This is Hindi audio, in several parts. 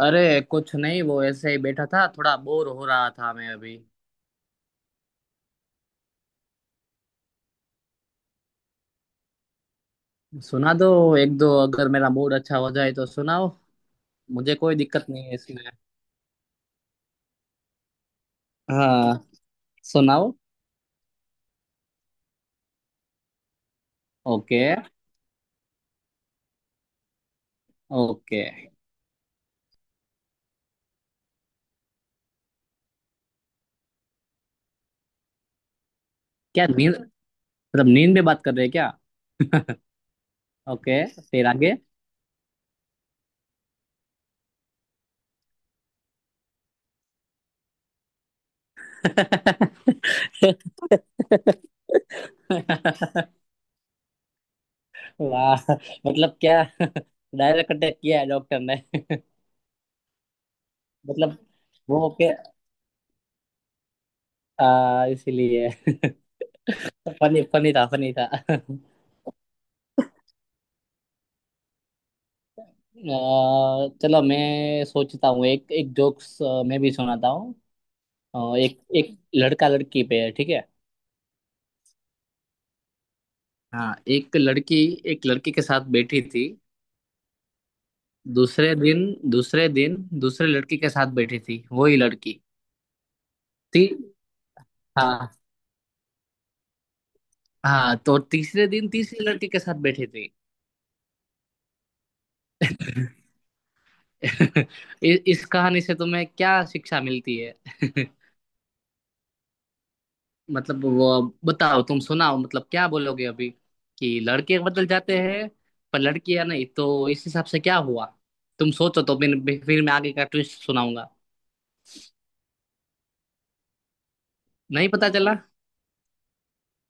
अरे, कुछ नहीं, वो ऐसे ही बैठा था, थोड़ा बोर हो रहा था मैं अभी। सुना दो। एक दो अगर मेरा मूड अच्छा हो जाए तो सुनाओ। मुझे कोई दिक्कत नहीं है इसमें। हाँ, सुनाओ। Okay okay. क्या नींद? मतलब नींद में बात कर रहे हैं क्या? ओके, फिर आगे। वाह! मतलब क्या, डायरेक्ट अटैक किया है डॉक्टर ने। मतलब वो, ओके। इसीलिए। फनी फनी था, फनी था। चलो मैं सोचता हूँ एक एक जोक्स, मैं भी सुनाता हूँ। एक एक लड़का लड़की पे है, ठीक है। हाँ, एक लड़की, एक लड़की के साथ बैठी थी। दूसरे दिन दूसरे दिन दूसरे लड़की के साथ बैठी थी वही लड़की थी। हाँ हाँ, तो तीसरे दिन तीसरी लड़की के साथ बैठी थी। इस कहानी से तुम्हें क्या शिक्षा मिलती है? मतलब वो बताओ, तुम सुनाओ, मतलब क्या बोलोगे अभी? कि लड़के बदल जाते हैं पर लड़कियां नहीं, तो इस हिसाब से क्या हुआ? तुम सोचो तो फिर मैं आगे का ट्विस्ट सुनाऊंगा। नहीं पता चला?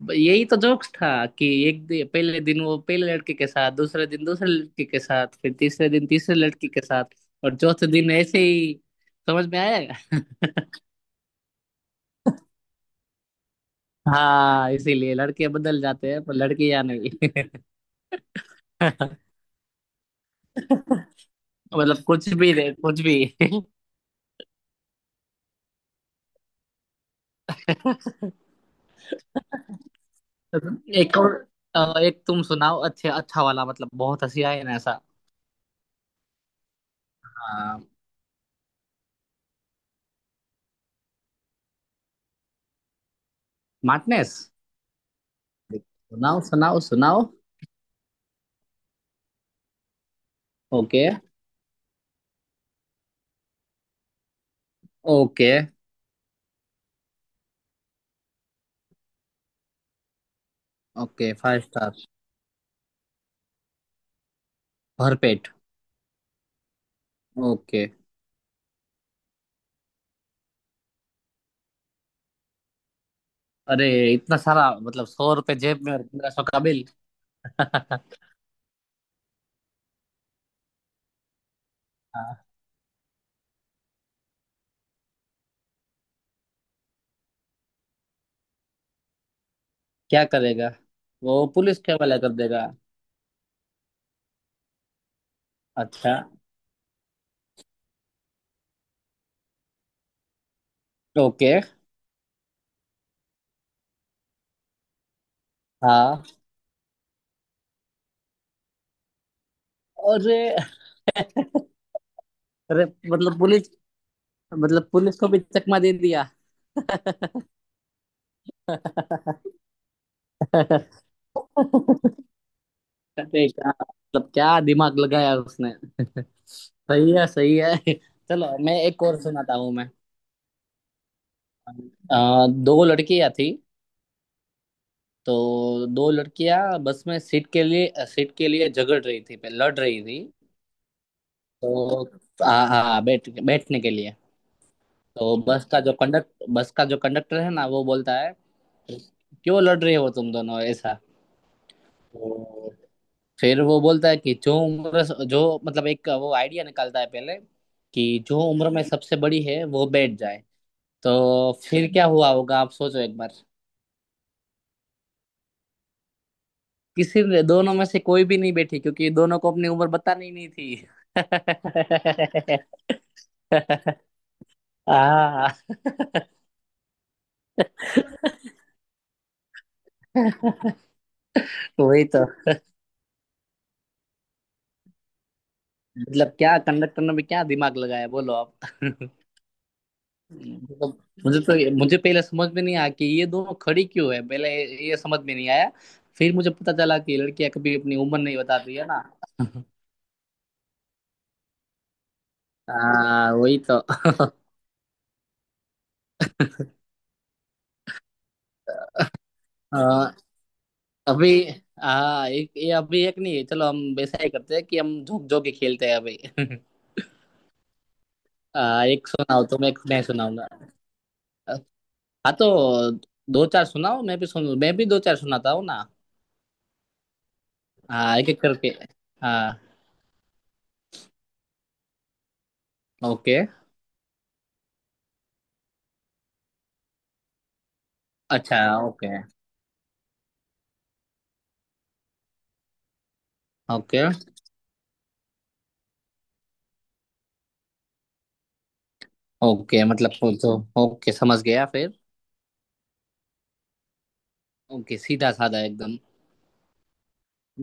यही तो जोक्स था, कि एक दिन, पहले दिन वो पहले लड़के के साथ, दूसरे दिन दूसरे लड़के के साथ, फिर तीसरे दिन तीसरे लड़के के साथ, और चौथे दिन ऐसे ही। समझ में आएगा। हाँ, इसीलिए लड़के बदल जाते हैं पर लड़कियां नहीं। मतलब कुछ भी रहे, कुछ भी। एक और। एक तुम सुनाओ, अच्छे अच्छा वाला, मतलब बहुत हंसी आए ना ऐसा। हाँ, मार्टिनेस? सुनाओ सुनाओ सुनाओ। Okay. Okay okay, five star. भरपेट। ओके। अरे, इतना सारा? मतलब 100 रुपए जेब में और 1500 का बिल! हाँ, क्या करेगा? वो पुलिस के हवाले कर देगा। अच्छा, ओके। हाँ। अरे! अरे मतलब पुलिस, मतलब पुलिस को भी चकमा दे दिया! अरे क्या! मतलब क्या दिमाग लगाया उसने! सही है सही है। चलो, मैं एक और सुनाता हूँ मैं। दो लड़कियां थी, तो दो लड़कियां बस में सीट के लिए झगड़ रही थी, लड़ रही थी तो। हाँ हाँ, बैठने के लिए। तो बस का जो कंडक्टर है ना, वो बोलता है क्यों लड़ रहे हो तुम दोनों ऐसा? तो फिर वो बोलता है कि जो मतलब, एक वो आइडिया निकालता है पहले, कि जो उम्र में सबसे बड़ी है वो बैठ जाए। तो फिर क्या हुआ होगा आप सोचो एक बार। किसी ने, दोनों में से कोई भी नहीं बैठी क्योंकि दोनों को अपनी उम्र बतानी नहीं थी। हाँ, वही तो। मतलब क्या कंडक्टर ने भी क्या दिमाग लगाया, बोलो आप! मतलब मुझे तो मुझे पहले समझ में नहीं आया कि ये दोनों खड़ी क्यों है पहले, ये समझ में नहीं आया। फिर मुझे पता चला कि लड़कियां कभी अपनी उम्र नहीं बताती है ना। हाँ, वही तो। हाँ, अभी। हाँ, एक ये, अभी एक नहीं है, चलो हम वैसा ही करते हैं कि हम जोक जोक ही खेलते हैं अभी। हाँ, एक सुनाओ तुम, एक मैं सुनाऊंगा। हाँ तो दो चार सुनाओ, मैं भी दो चार सुनाता हूँ ना। हाँ, एक एक करके। हाँ। ओके। अच्छा। ओके ओके ओके, मतलब पूछो। ओके, समझ गया फिर। ओके, सीधा साधा एकदम,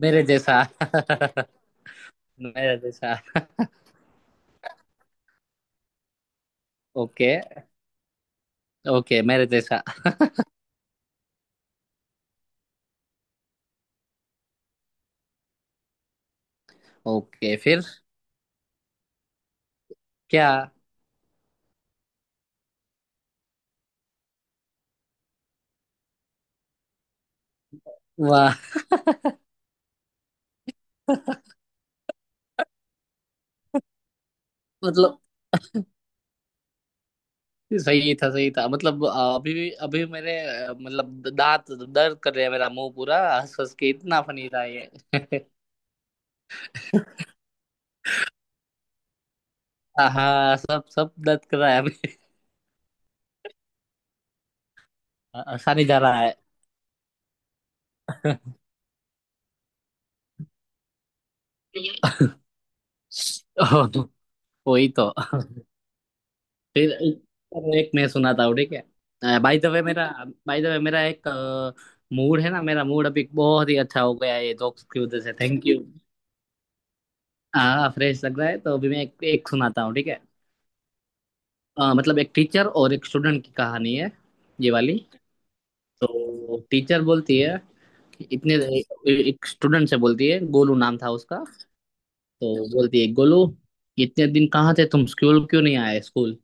मेरे जैसा, मेरे जैसा। ओके ओके, मेरे जैसा। ओके, फिर क्या? वाह! मतलब सही था, सही था। मतलब अभी भी मेरे, मतलब दांत दर्द कर रहे हैं, मेरा मुंह पूरा हंस हंस के, इतना फनी था ये! हाँ, सब सब दर्द कर रहा है। अच्छा, नहीं जा रहा है। ओह, वही तो। फिर एक मैं सुनाता हूँ, ठीक है? बाय द वे मेरा, बाय द वे मेरा एक मूड है ना, मेरा मूड अभी बहुत ही अच्छा हो गया है, ये जोक्स की वजह से। Thank you. हाँ, फ्रेश लग रहा है। तो अभी मैं एक सुनाता हूँ, ठीक है। मतलब एक टीचर और एक स्टूडेंट की कहानी है, ये वाली। तो टीचर बोलती है कि इतने, एक स्टूडेंट से बोलती है, गोलू नाम था उसका, तो बोलती है गोलू, इतने दिन कहाँ थे तुम, स्कूल क्यों नहीं आए स्कूल?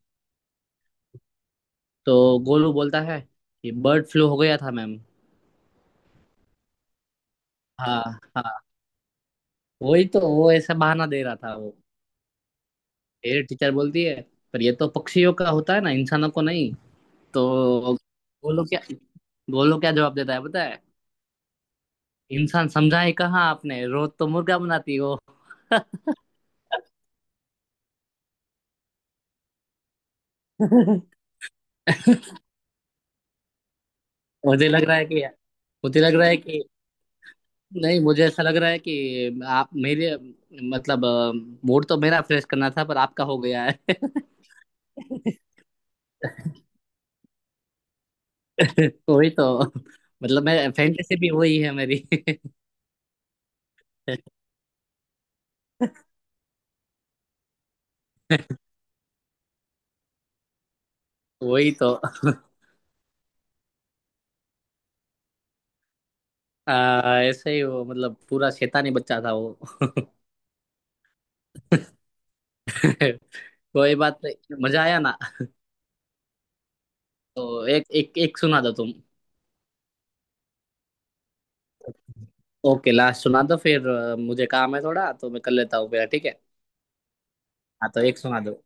तो गोलू बोलता है कि बर्ड फ्लू हो गया था मैम। हाँ हाँ, वही तो, वो ऐसा बहाना दे रहा था वो। फिर टीचर बोलती है पर ये तो पक्षियों का होता है ना, इंसानों को नहीं। तो गोलू क्या गोलू क्या जवाब देता है पता है? इंसान समझा ही कहाँ आपने, रोज तो मुर्गा बनाती हो। मुझे लग रहा है कि मुझे लग रहा है कि नहीं, मुझे ऐसा लग रहा है कि आप मेरे, मतलब मूड तो मेरा फ्रेश करना था पर आपका हो गया है। वही तो, मतलब मैं फैंटेसी भी वही है मेरी। वही तो। ऐसे ही वो, मतलब पूरा शैतानी बच्चा था वो। कोई बात नहीं, मजा आया ना? तो एक एक एक सुना दो तुम। ओके, लास्ट सुना दो फिर, मुझे काम है थोड़ा, तो मैं कर लेता हूँ पहले, ठीक है। हाँ तो एक सुना दो।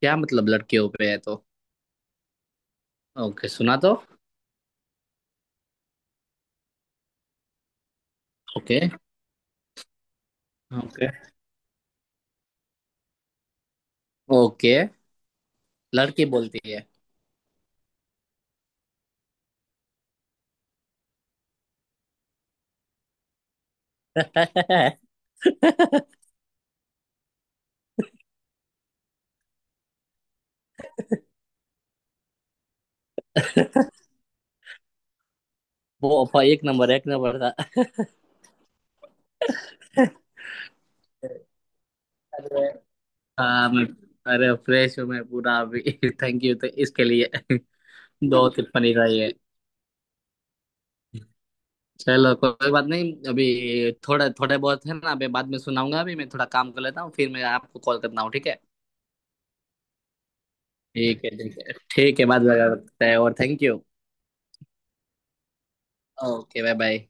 क्या मतलब लड़कियों पे है तो? ओके सुना दो। ओके। ओके ओके, लड़की बोलती है। वो अफवाह एक नंबर, एक नंबर था। अरे! हाँ, मैं, अरे फ्रेश हूँ मैं पूरा अभी! थैंक यू तो इसके लिए। दो टिप्पणी रही है। चलो, कोई बात नहीं, अभी थोड़ा थोड़े बहुत है ना, अभी बाद में सुनाऊंगा। अभी मैं थोड़ा काम कर लेता हूँ, फिर मैं आपको कॉल करता हूँ, ठीक है? ठीक है ठीक है ठीक है, बाद में बात करते हैं। और thank you. Okay, bye bye.